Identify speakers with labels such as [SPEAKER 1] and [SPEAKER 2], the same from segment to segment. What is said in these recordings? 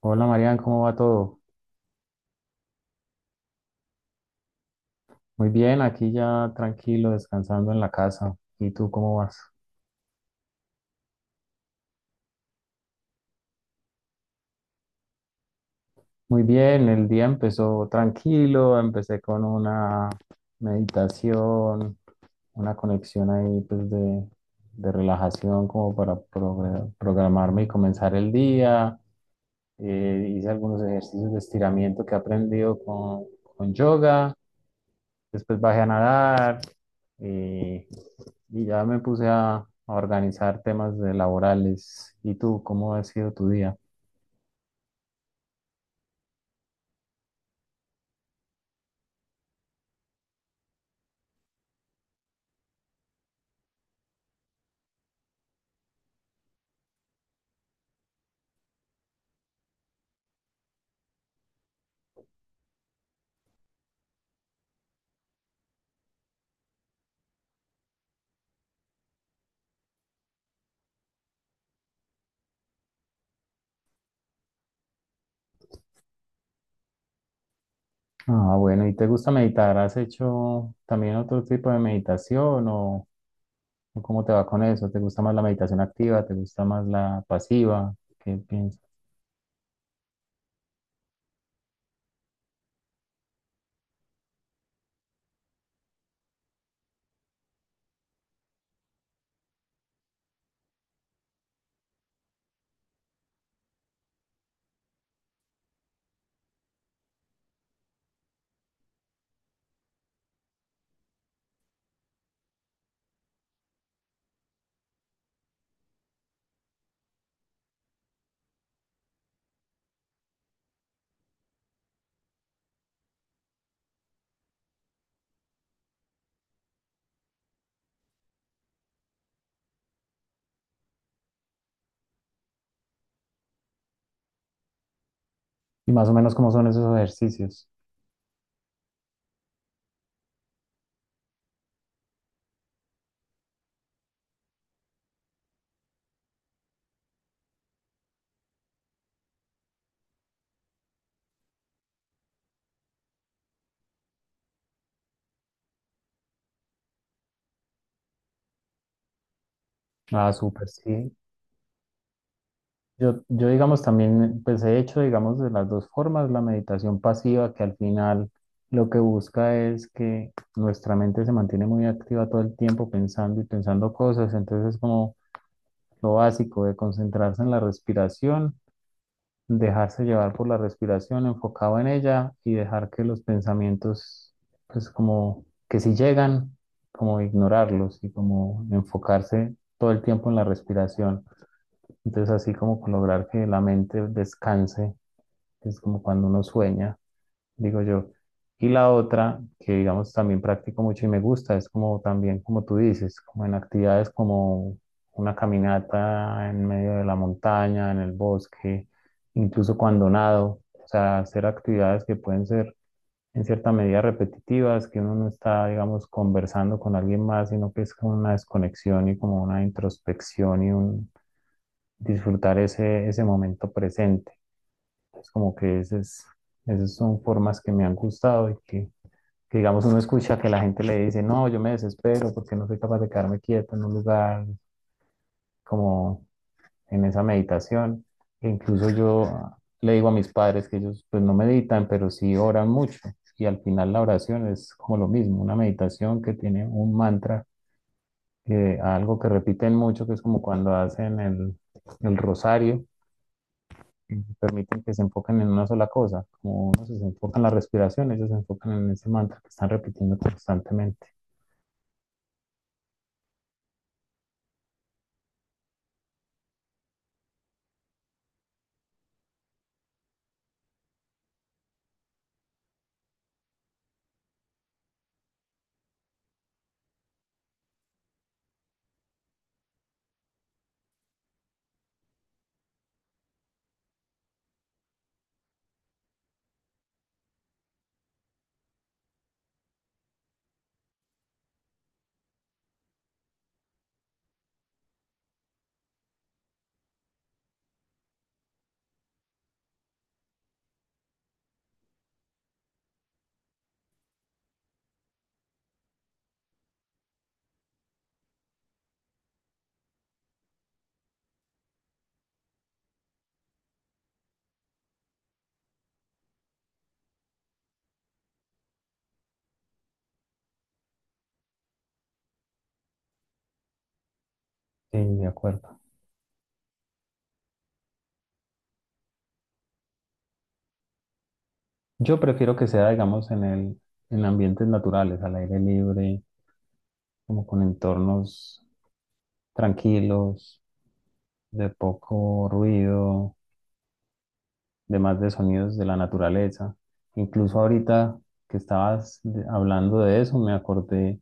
[SPEAKER 1] Hola Marian, ¿cómo va todo? Muy bien, aquí ya tranquilo, descansando en la casa. ¿Y tú cómo vas? Muy bien, el día empezó tranquilo, empecé con una meditación, una conexión ahí pues de relajación como para programarme y comenzar el día. Hice algunos ejercicios de estiramiento que he aprendido con yoga. Después bajé a nadar y, y ya me puse a organizar temas de laborales. ¿Y tú, cómo ha sido tu día? Ah, bueno, ¿y te gusta meditar? ¿Has hecho también otro tipo de meditación o cómo te va con eso? ¿Te gusta más la meditación activa? ¿Te gusta más la pasiva? ¿Qué piensas? Y más o menos cómo son esos ejercicios. Ah, súper, sí. Yo, digamos, también, pues he hecho, digamos, de las dos formas, la meditación pasiva, que al final lo que busca es que nuestra mente se mantiene muy activa todo el tiempo pensando y pensando cosas, entonces es como lo básico de concentrarse en la respiración, dejarse llevar por la respiración, enfocado en ella y dejar que los pensamientos, pues como que si llegan, como ignorarlos y como enfocarse todo el tiempo en la respiración. Entonces, así como con lograr que la mente descanse, que es como cuando uno sueña, digo yo. Y la otra, que digamos también practico mucho y me gusta, es como también, como tú dices, como en actividades como una caminata en medio de la montaña, en el bosque, incluso cuando nado, o sea, hacer actividades que pueden ser en cierta medida repetitivas, que uno no está, digamos, conversando con alguien más, sino que es como una desconexión y como una introspección y un, disfrutar ese momento presente. Es como que esas son formas que me han gustado y que, digamos, uno escucha que la gente le dice, no, yo me desespero porque no soy capaz de quedarme quieto en un lugar como en esa meditación. E incluso yo le digo a mis padres que ellos pues no meditan, pero sí oran mucho. Y al final la oración es como lo mismo, una meditación que tiene un mantra, algo que repiten mucho, que es como cuando hacen el rosario, mm, permiten que se enfoquen en una sola cosa. Como uno se enfoca en la respiración, ellos se enfocan en ese mantra que están repitiendo constantemente. Sí, de acuerdo. Yo prefiero que sea, digamos, en ambientes naturales, al aire libre, como con entornos tranquilos, de poco ruido, de más de sonidos de la naturaleza. Incluso ahorita que estabas hablando de eso, me acordé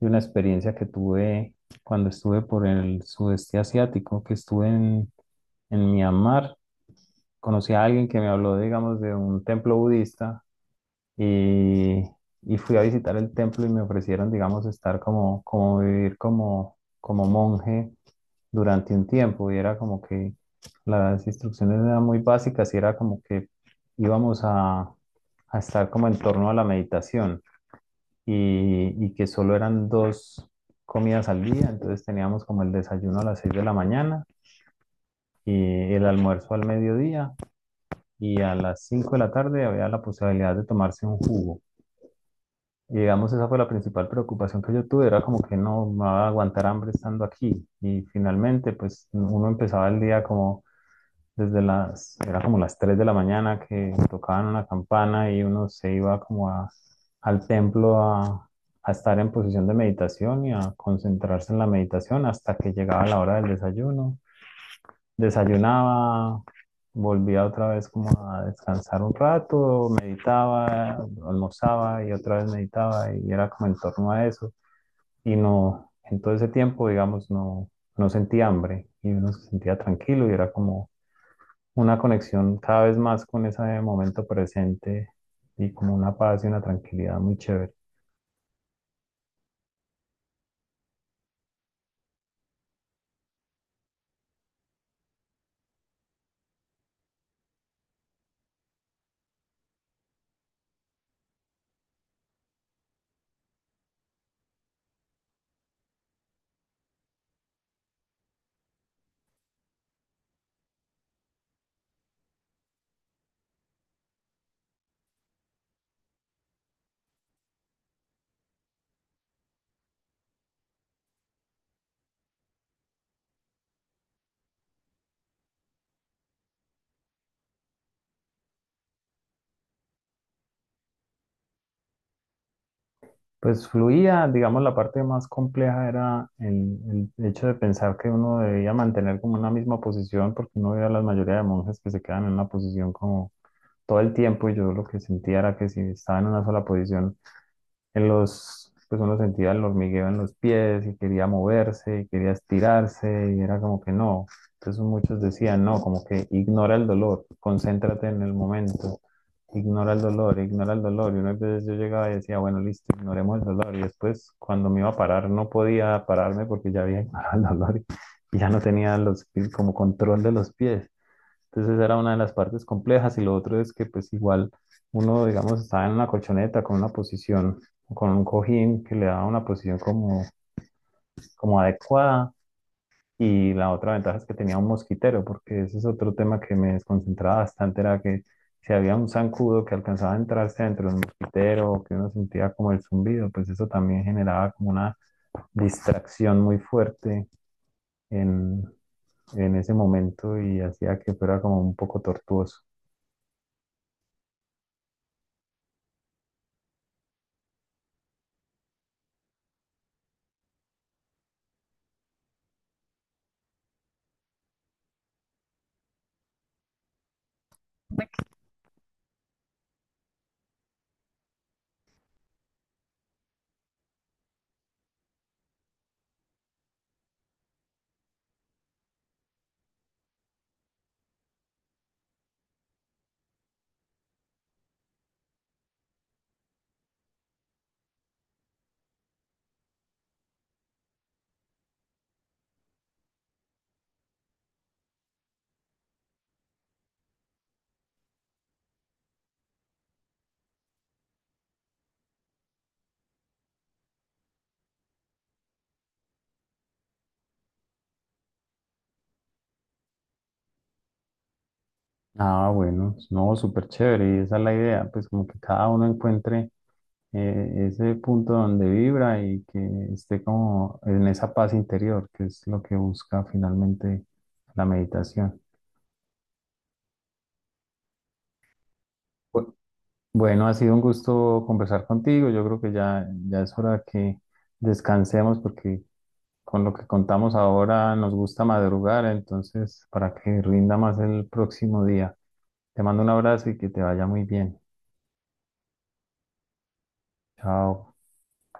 [SPEAKER 1] de una experiencia que tuve cuando estuve por el sudeste asiático, que estuve en Myanmar, conocí a alguien que me habló, digamos, de un templo budista y, y fui a visitar el templo y me ofrecieron, digamos, estar como, como vivir como monje durante un tiempo y era como que las instrucciones eran muy básicas y era como que íbamos a estar como en torno a la meditación y que solo eran dos comidas al día, entonces teníamos como el desayuno a las 6 de la mañana y el almuerzo al mediodía y a las 5 de la tarde había la posibilidad de tomarse un jugo. Y digamos, esa fue la principal preocupación que yo tuve, era como que no me va a aguantar hambre estando aquí. Y finalmente, pues uno empezaba el día como desde las, era como las 3 de la mañana que tocaban una campana y uno se iba como al templo a estar en posición de meditación y a concentrarse en la meditación hasta que llegaba la hora del desayuno. Desayunaba, volvía otra vez como a descansar un rato, meditaba, almorzaba y otra vez meditaba y era como en torno a eso. Y no, en todo ese tiempo, digamos, no sentía hambre y uno se sentía tranquilo y era como una conexión cada vez más con ese momento presente y como una paz y una tranquilidad muy chévere. Pues fluía, digamos, la parte más compleja era el hecho de pensar que uno debía mantener como una misma posición, porque uno veía a la mayoría de monjes que se quedan en una posición como todo el tiempo, y yo lo que sentía era que si estaba en una sola posición, en los, pues uno sentía el hormigueo en los pies y quería moverse y quería estirarse y era como que no. Entonces muchos decían, no, como que ignora el dolor, concéntrate en el momento, ignora el dolor, ignora el dolor. Y unas veces yo llegaba y decía, bueno, listo, ignoremos el dolor. Y después cuando me iba a parar no podía pararme porque ya había ignorado el dolor y ya no tenía los, como control de los pies. Entonces esa era una de las partes complejas y lo otro es que pues igual uno, digamos, estaba en una colchoneta con una posición, con un cojín que le daba una posición como, como adecuada y la otra ventaja es que tenía un mosquitero, porque ese es otro tema que me desconcentraba bastante, era que si había un zancudo que alcanzaba a entrarse dentro de un mosquitero o que uno sentía como el zumbido, pues eso también generaba como una distracción muy fuerte en, en ese momento y hacía que fuera como un poco tortuoso. Ah, bueno, no, súper chévere, y esa es la idea, pues como que cada uno encuentre ese punto donde vibra y que esté como en esa paz interior, que es lo que busca finalmente la meditación. Bu- Bueno, ha sido un gusto conversar contigo, yo creo que ya es hora que descansemos porque con lo que contamos ahora nos gusta madrugar, entonces para que rinda más el próximo día. Te mando un abrazo y que te vaya muy bien. Chao.